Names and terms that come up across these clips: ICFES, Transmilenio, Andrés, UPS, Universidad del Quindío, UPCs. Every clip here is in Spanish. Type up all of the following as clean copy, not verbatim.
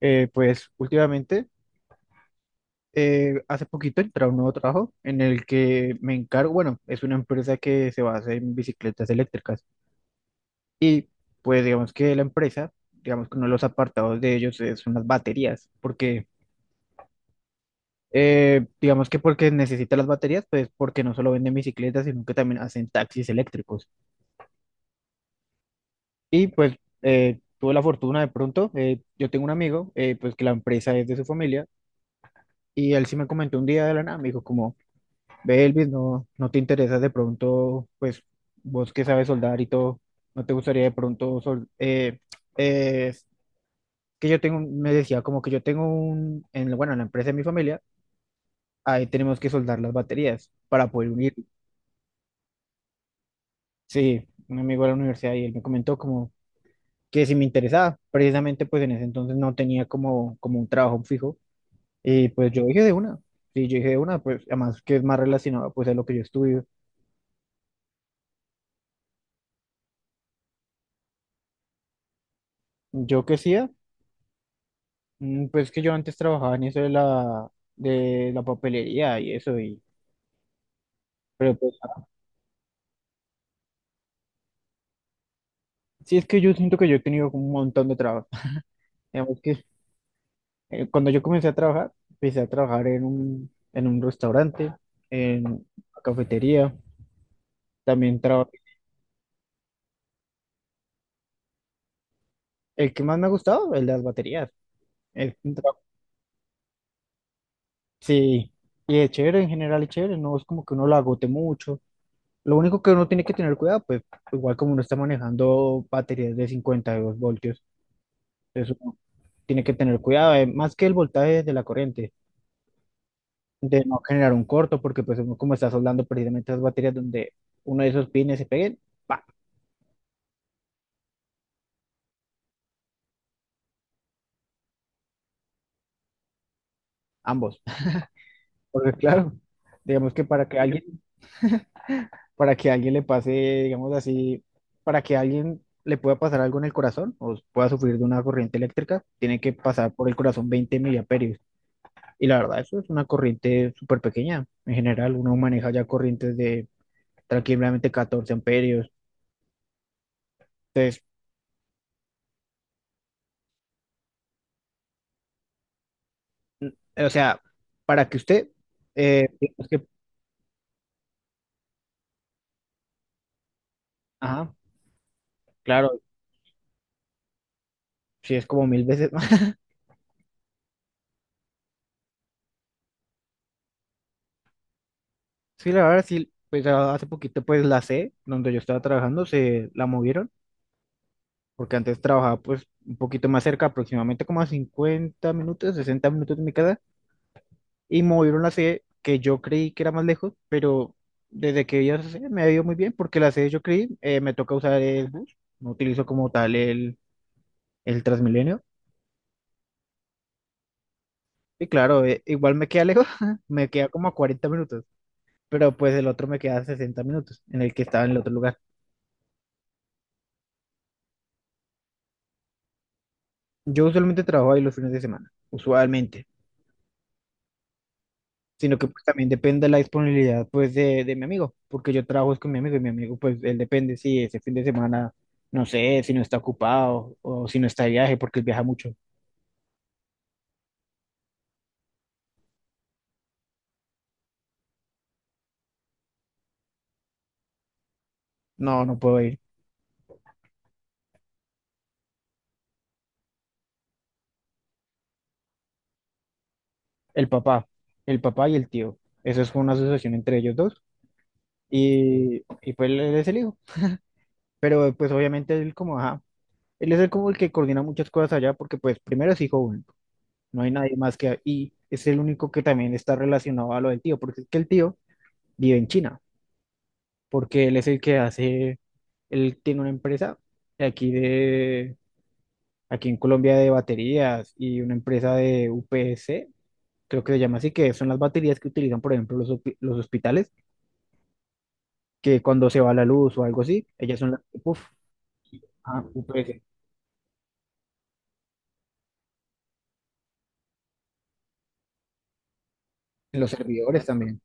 Pues últimamente, hace poquito entré a un nuevo trabajo en el que me encargo, bueno, es una empresa que se basa en bicicletas eléctricas y pues digamos que la empresa, digamos que uno de los apartados de ellos son las baterías, porque digamos que porque necesita las baterías, pues porque no solo venden bicicletas, sino que también hacen taxis eléctricos. Y pues tuve la fortuna de pronto. Yo tengo un amigo, pues que la empresa es de su familia y él sí me comentó un día de la nada, me dijo como... Ve, Elvis, no, no te interesa de pronto, pues vos que sabes soldar y todo, no te gustaría de pronto, es que yo tengo, me decía como que yo tengo bueno, en la empresa de mi familia, ahí tenemos que soldar las baterías para poder unir. Sí, un amigo de la universidad y él me comentó como que si me interesaba, precisamente pues en ese entonces no tenía como, como un trabajo fijo y pues yo dije de una, sí, yo dije de una, pues además que es más relacionado pues a lo que yo estudio. Yo qué sí. Pues que yo antes trabajaba en eso de la, de la papelería, y eso, y... Pero pues sí, es que yo siento que yo he tenido como un montón de trabajo. Digamos que cuando yo comencé a trabajar, empecé a trabajar en un restaurante, en una cafetería, también trabajé. El que más me ha gustado, el de las baterías. Es un trabajo- sí, y es chévere en general, es chévere, no es como que uno lo agote mucho. Lo único que uno tiene que tener cuidado, pues igual como uno está manejando baterías de 52 voltios, entonces tiene que tener cuidado, más que el voltaje de la corriente, de no generar un corto, porque pues uno como está soldando precisamente las baterías, donde uno de esos pines se peguen, ¡pa! Ambos. Porque claro, digamos que para que alguien le pase, digamos así, para que alguien le pueda pasar algo en el corazón o pueda sufrir de una corriente eléctrica, tiene que pasar por el corazón 20 miliamperios. Y la verdad, eso es una corriente súper pequeña. En general, uno maneja ya corrientes de tranquilamente 14 amperios, entonces... O sea, para que usted, eh, es que, ajá, claro, sí es como 1.000 veces más. Sí, la verdad, sí, pues hace poquito, pues la C, donde yo estaba trabajando, se la movieron, porque antes trabajaba, pues, un poquito más cerca, aproximadamente como a 50 minutos, 60 minutos de mi casa, y movieron la C, que yo creí que era más lejos, pero desde que vi esa C me ha ido muy bien, porque la C yo creí, me toca usar el bus, no utilizo como tal el Transmilenio, y claro, igual me queda lejos, me queda como a 40 minutos. Pero pues el otro me queda 60 minutos en el que estaba en el otro lugar. Yo usualmente trabajo ahí los fines de semana, usualmente, sino que pues también depende de la disponibilidad pues de mi amigo, porque yo trabajo es con mi amigo, y mi amigo pues él depende si ese fin de semana, no sé, si no está ocupado o si no está de viaje porque él viaja mucho. No, no puedo ir. El papá, el papá y el tío. Eso es una asociación entre ellos dos y pues él es el hijo. Pero pues obviamente él como, ajá, él es el como el que coordina muchas cosas allá porque pues primero es hijo único. No hay nadie más que... Y es el único que también está relacionado a lo del tío, porque es que el tío vive en China, porque él es el que hace, él tiene una empresa de, aquí en Colombia de baterías, y una empresa de UPS, creo que se llama así, que son las baterías que utilizan, por ejemplo, los, los hospitales, que cuando se va la luz o algo así, ellas son las que, puf... Ah, UPS, en los servidores también.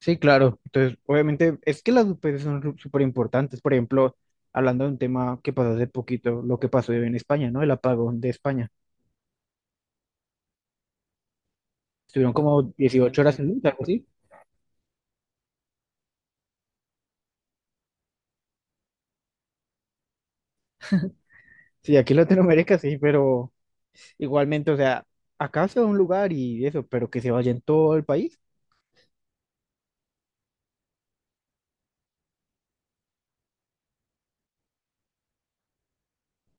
Sí, claro. Entonces, obviamente, es que las UPCs son súper importantes. Por ejemplo, hablando de un tema que pasó hace poquito, lo que pasó en España, ¿no? El apagón de España. Estuvieron como 18 horas sin luz, algo así. Sí, aquí en Latinoamérica sí, pero igualmente, o sea, acá se va a un lugar y eso, pero que se vaya en todo el país.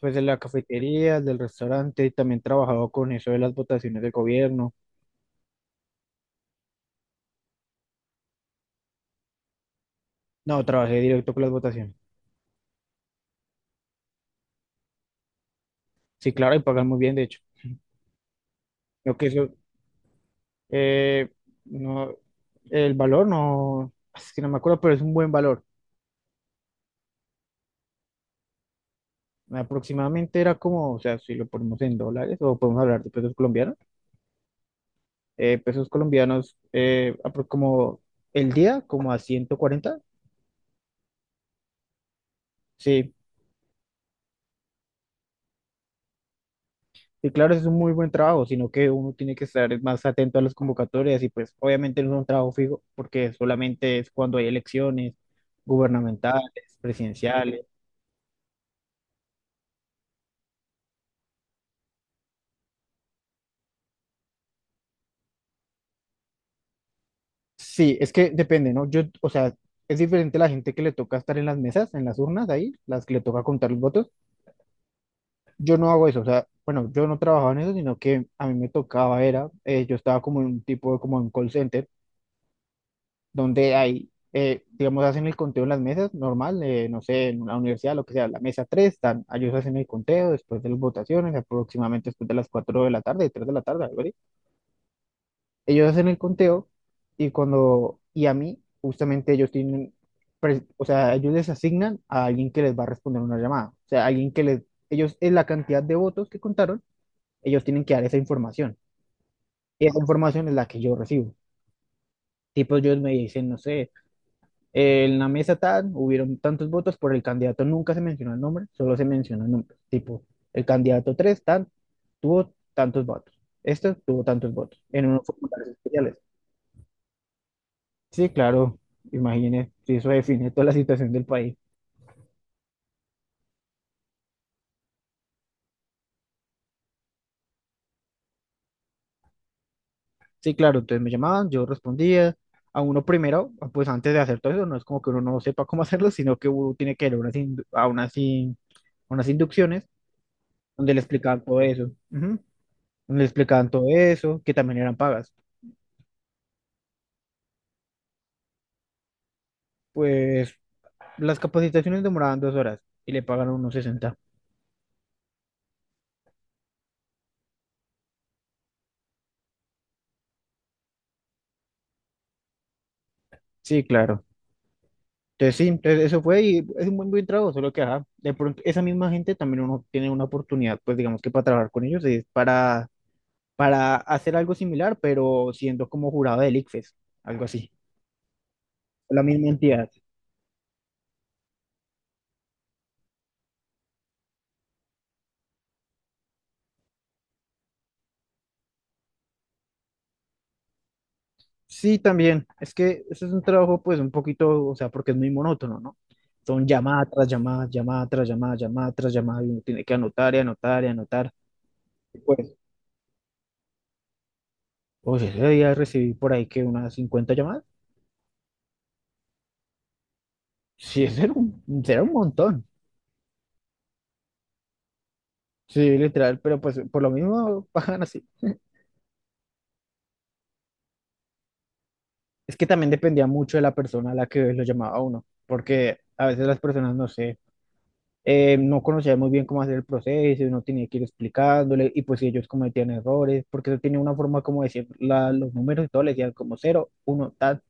Pues de la cafetería, del restaurante, también trabajaba con eso de las votaciones del gobierno. No, trabajé directo con las votaciones. Sí, claro, y pagan muy bien, de hecho. Lo que eso... Eh, no, el valor no, es que no me acuerdo, pero es un buen valor. Aproximadamente era como, o sea, si lo ponemos en dólares o podemos hablar de pesos colombianos como el día, como a 140. Sí, y claro, es un muy buen trabajo, sino que uno tiene que estar más atento a las convocatorias, y pues obviamente no es un trabajo fijo porque solamente es cuando hay elecciones gubernamentales, presidenciales. Sí, es que depende, ¿no? Yo, o sea, es diferente la gente que le toca estar en las mesas, en las urnas ahí, las que le toca contar los votos. Yo no hago eso, o sea, bueno, yo no trabajaba en eso, sino que a mí me tocaba, era, yo estaba como en un tipo, como en un call center, donde hay, digamos, hacen el conteo en las mesas, normal, no sé, en una universidad, lo que sea, la mesa 3 están, ellos hacen el conteo después de las votaciones, aproximadamente después de las 4 de la tarde, 3 de la tarde, algo así. Ellos hacen el conteo y cuando, y a mí, justamente ellos tienen, o sea, ellos les asignan a alguien que les va a responder una llamada. O sea, alguien que les, ellos, en la cantidad de votos que contaron, ellos tienen que dar esa información. Y esa información es la que yo recibo. Tipo, ellos me dicen, no sé, en la mesa tal, hubieron tantos votos por el candidato", nunca se menciona el nombre, solo se menciona el nombre. Tipo, el candidato 3 tan, tuvo tantos votos. Este tuvo tantos votos en unos formularios especiales. Sí, claro, imagínese, sí, eso define toda la situación del país. Sí, claro, entonces me llamaban, yo respondía. A uno primero, pues antes de hacer todo eso, no es como que uno no sepa cómo hacerlo, sino que uno tiene que ir a unas, indu- a unas, in- a unas inducciones donde le explicaban todo eso, ujú. Donde le explicaban todo eso, que también eran pagas. Pues las capacitaciones demoraban 2 horas y le pagaron unos 60. Sí, claro. Entonces sí, entonces eso fue, y es un buen, buen trabajo, solo que ajá, de pronto esa misma gente también uno tiene una oportunidad, pues digamos que para trabajar con ellos es para hacer algo similar, pero siendo como jurado del ICFES, algo así, la misma entidad. Sí, también, es que ese es un trabajo pues un poquito, o sea, porque es muy monótono, ¿no? Son llamada tras llamada, llamada tras llamada, llamada tras llamada, y uno tiene que anotar y anotar y anotar. Pues, oye, ese día recibí por ahí que unas 50 llamadas. Sí, ese era un montón. Sí, literal, pero pues por lo mismo pagan así. Es que también dependía mucho de la persona a la que lo llamaba a uno, porque a veces las personas, no sé, no conocían muy bien cómo hacer el proceso, uno tenía que ir explicándole, y pues si ellos cometían errores, porque eso tenía una forma como decir los números y todo, le decían como cero, uno, tal,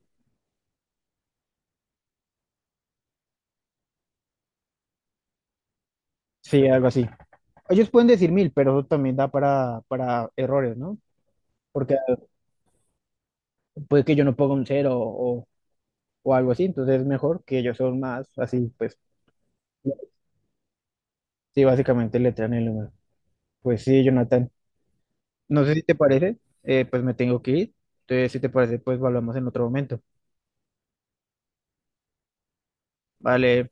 sí, algo así. Ellos pueden decir mil, pero eso también da para errores, ¿no? Porque puede que yo no ponga un cero o algo así, entonces es mejor que ellos son más así, pues, sí, básicamente le traen el número. Pues sí, Jonathan. No sé si te parece, pues me tengo que ir. Entonces, si te parece, pues hablamos en otro momento. Vale.